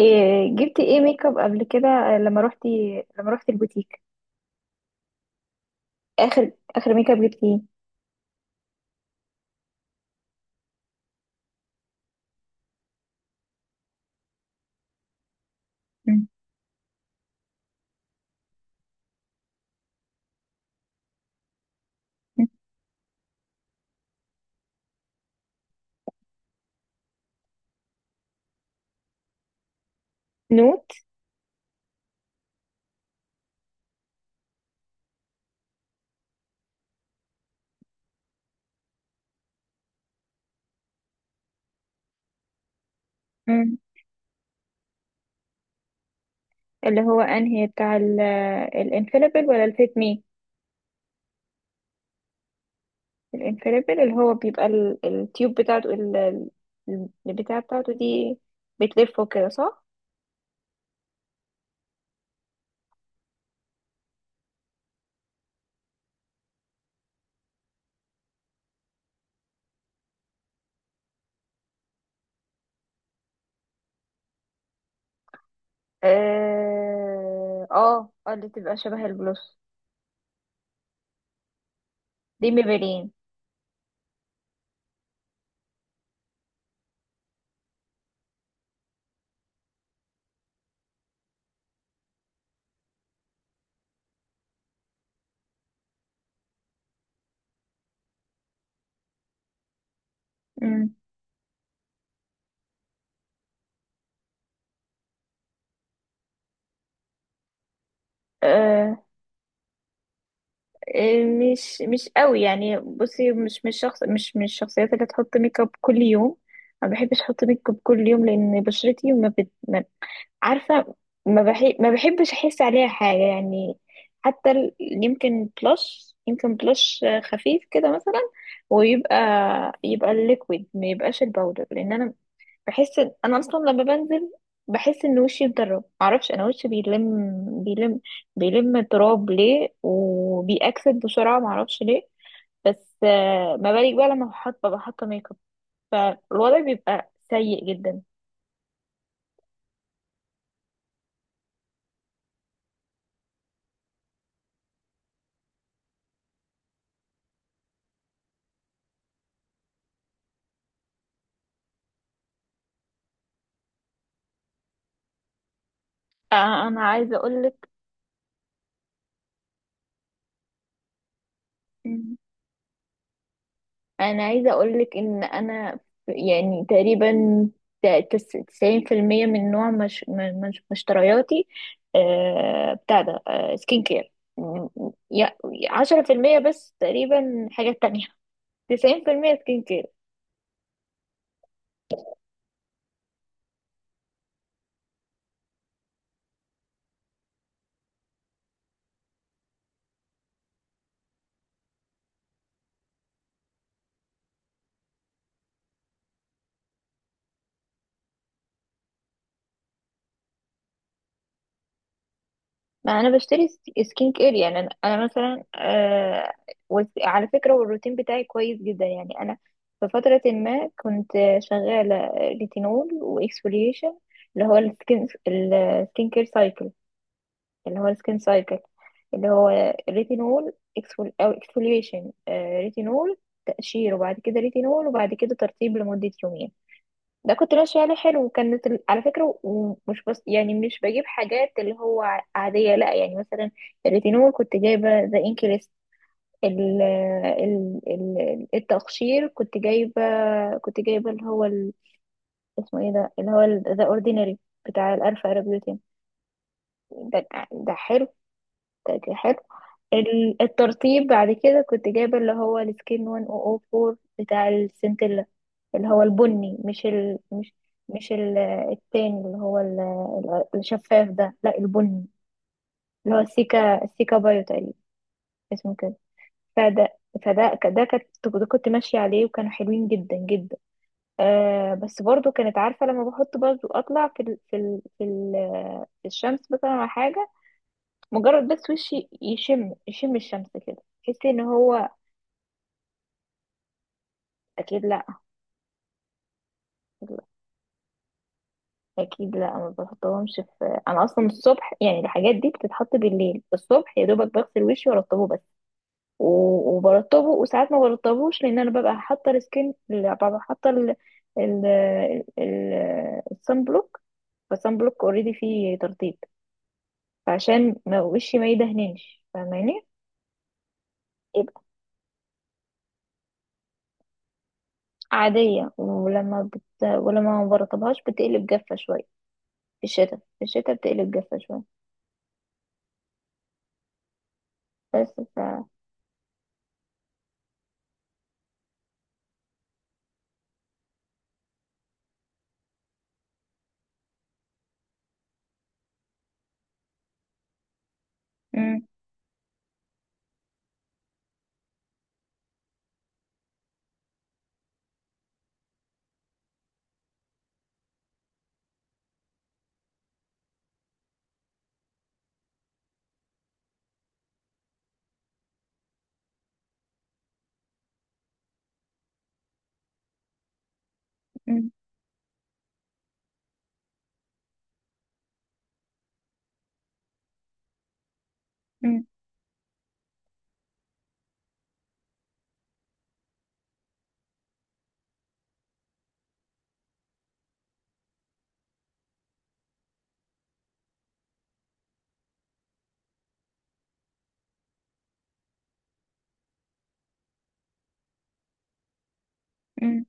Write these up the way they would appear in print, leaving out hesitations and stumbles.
جبتي ايه ميك اب قبل كده، لما روحتي البوتيك. اخر اخر ميك اب جبتي ايه؟ مم. مم. نوت. مم. اللي هو انهي بتاع، الانفاليبل ولا الفيت مي؟ الانفاليبل اللي هو بيبقى التيوب بتاعته، البتاع بتاعته دي، بتلفه كده، صح؟ اه، اه، اللي تبقى شبه البلوس. دي ميبرين. إيه، مش قوي. يعني بصي، مش شخص، مش من الشخصيات اللي تحط ميك اب كل يوم. ما بحبش احط ميك اب كل يوم لان بشرتي ما عارفه، ما بحبش احس عليها حاجه يعني. حتى يمكن يمكن بلش خفيف كده مثلا، ويبقى يبقى الليكويد، ما يبقاش الباودر. لان انا بحس ان انا اصلا لما بنزل، بحس ان وشي مدرب، معرفش، انا وشي بيلم تراب ليه، وبيأكسد بسرعه، معرفش ليه. بس ما بالك بقى لما بحط، ببقى حاطه ميك اب، فالوضع بيبقى سيء جدا. آه، انا عايزه اقولك انا عايزه اقولك ان انا، يعني تقريبا 90% من نوع، مش مشترياتي، بتاع ده، سكين كير. 10% بس تقريبا حاجات تانية، 90% سكين كير. ما انا بشتري سكين كير يعني. انا مثلا، على فكرة، والروتين بتاعي كويس جدا يعني. انا في فترة ما كنت شغالة ريتينول واكسفوليشن، اللي هو السكين كير سايكل، اللي هو السكين سايكل، اللي هو ريتينول، اكسفوليشن، ريتينول، تقشير، وبعد كده ريتينول، وبعد كده ترطيب لمدة يومين. ده كنت ماشية عليه حلو. وكانت على فكرة، ومش بس يعني مش بجيب حاجات اللي هو عادية، لا، يعني مثلا الريتينول كنت جايبة ذا انكريست، ال ال ال التقشير كنت جايبة اللي هو اسمه ايه ده، اللي هو ذا اوردينري، بتاع الالفا ارابيوتين. ده ده حلو، اوكي، حلو. الترطيب بعد كده كنت جايبة اللي هو السكين 1004 بتاع السنتيلا، اللي هو البني، مش ال... مش مش ال... التاني اللي هو الشفاف ده، لا، البني، اللي هو السيكا بايو تقريبا، اسمه كده. فده فده ك- ده كنت ده كنت ماشية عليه، وكانوا حلوين جدا جدا. بس برضو كانت عارفة لما بحط برضو، اطلع في الشمس مثلا على حاجة، مجرد بس وشي يشم الشمس كده، تحسي ان هو، اكيد لا، اكيد لا، اكيد لا. ما بحطهمش انا اصلا الصبح، يعني الحاجات دي بتتحط بالليل. الصبح يا دوبك بغسل وشي وارطبه بس. وبرطبه، وساعات ما برطبوش لان انا ببقى حاطه السكين ال- ببقى حاطه ال ال ال الصن بلوك، فالصن بلوك اوريدي فيه ترطيب، فعشان ما وشي ما يدهننش، فاهماني؟ يبقى عاديه، ولما ما برطبهاش بتقلب جافه شويه، في الشتاء بتقلب جافة شوية. بس مم. مم. مم. مم.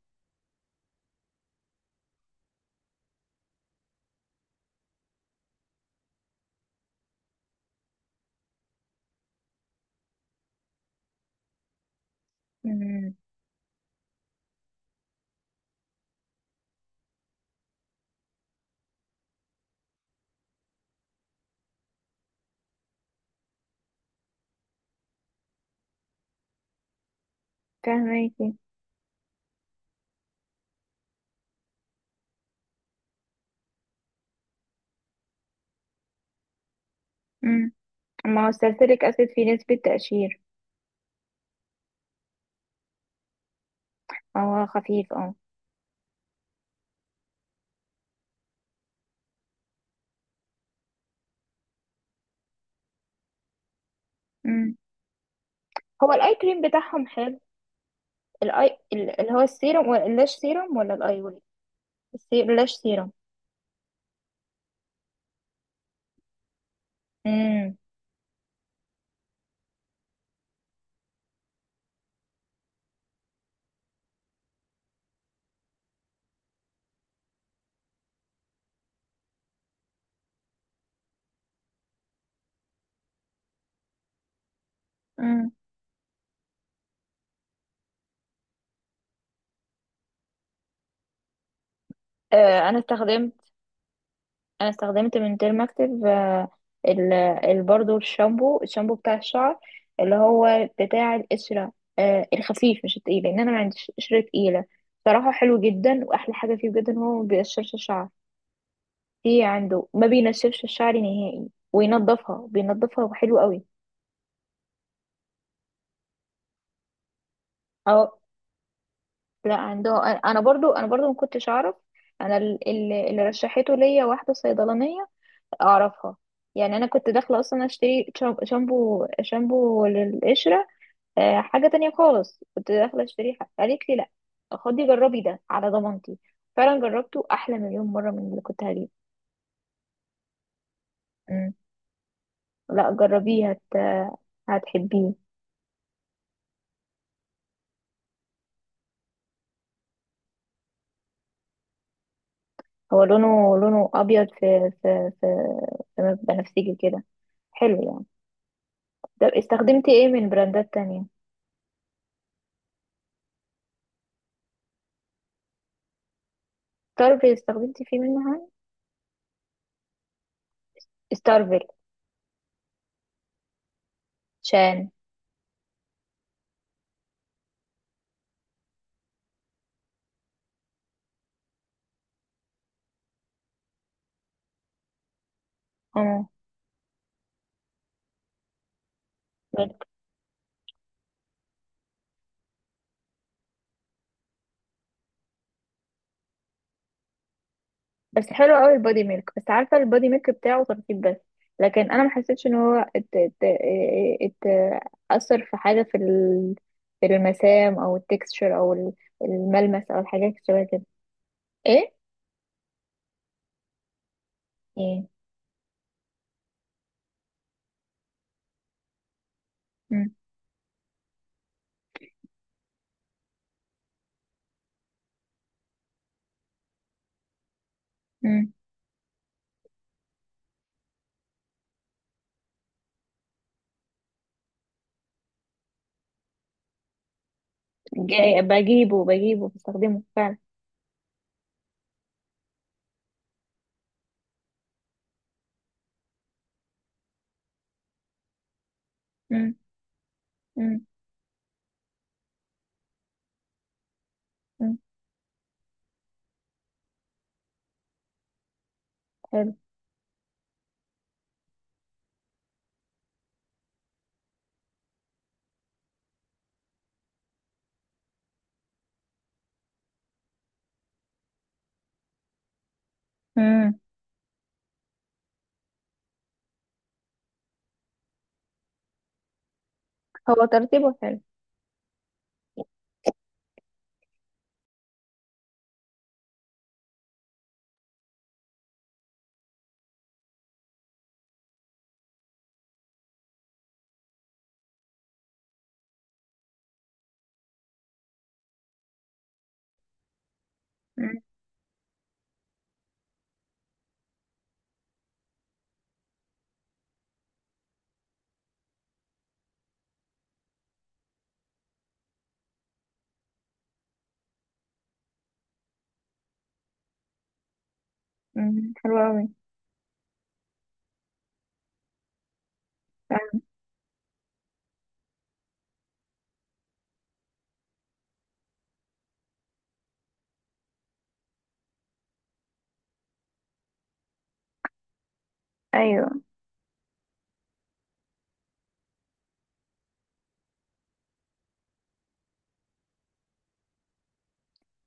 مم. فهماكي. مم. ما هو السلسليك أسيد فيه نسبة تقشير. هو خفيف، اه. مم. هو الآي كريم بتاعهم حلو؟ الآي، اللي هو السيروم، ولا اللاش سيروم، ولا الآي، ولا؟ اللاش سيروم. مم. مم. أنا استخدمت انا استخدمت من ديرماكتيف، برضو، الشامبو بتاع الشعر، اللي هو بتاع القشرة، الخفيف، مش التقيل، لان انا ما عنديش قشرة تقيلة. صراحة حلو جدا، واحلى حاجة فيه بجد ان هو ما بيقشرش الشعر. في عنده، ما بينشفش الشعر نهائي، وينضفها، بينضفها، وحلو قوي. اه، لا، عنده. انا برضو، ما كنتش اعرف. انا اللي رشحته ليا واحدة صيدلانية اعرفها. يعني انا كنت داخله اصلا اشتري، شامبو للقشره، حاجة تانية خالص كنت داخلة اشتري حاجة، قالت لي، لا، خدي جربي ده على ضمانتي. فعلا جربته أحلى مليون مرة من اللي كنت هجيبه. مم. لا جربيه، هتحبيه. هو لونه، أبيض، في بنفسجي كده، حلو يعني. طب استخدمتي ايه من براندات تانية؟ ستارفيل، استخدمتي فيه منها؟ ستارفيل شان. اه، بس حلو قوي البودي ميلك. بس عارفه، البودي ميلك بتاعه ترطيب بس، لكن انا ما حسيتش ان هو، ات ات ات اثر في حاجه في المسام، او التكستشر، او الملمس، او الحاجات شبه كده. ايه، ايه. مم. مم. بجيبه، بستخدمه فعلا. مم. مم. مم. حلو. مم. هو ترتيبه حلو. مم. مم. حلو قوي. ايوه.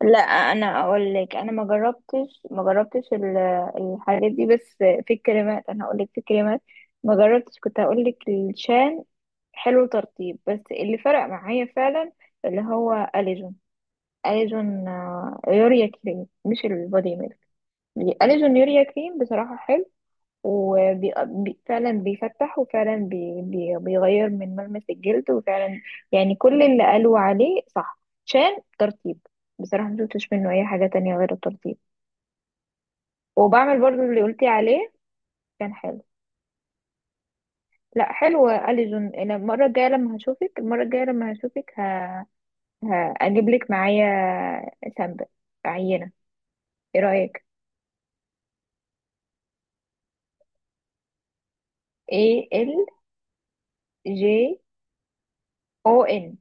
لا انا اقول لك، انا ما جربتش الحاجات دي، بس في الكريمات، انا هقول لك في الكريمات ما جربتش، كنت هقول لك الشان، حلو، ترطيب بس. اللي فرق معايا فعلا، اللي هو اليجون. اليجون، يوريا كريم، مش البودي ميلك. اليجون يوريا كريم، بصراحة حلو، وفعلا بيفتح، وفعلا بي بي بيغير من ملمس الجلد، وفعلا يعني كل اللي قالوا عليه صح، عشان ترطيب. بصراحة مشفتش منه أي حاجة تانية غير الترطيب، وبعمل برضو اللي قلتي عليه. كان حلو. لا، حلوة أليزون. أنا المرة الجاية لما هشوفك هجيب لك معايا سامبل، عينة. ايه رأيك؟ Aljon.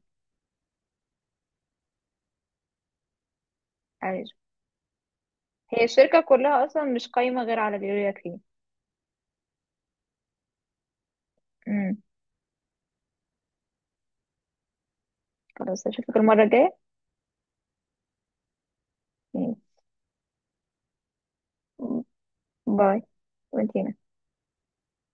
أليزون. هي الشركة كلها أصلا مش قايمة غير على اليوريا كريم. خلاص، اشوفك المرة الجاية. باي. وانتي.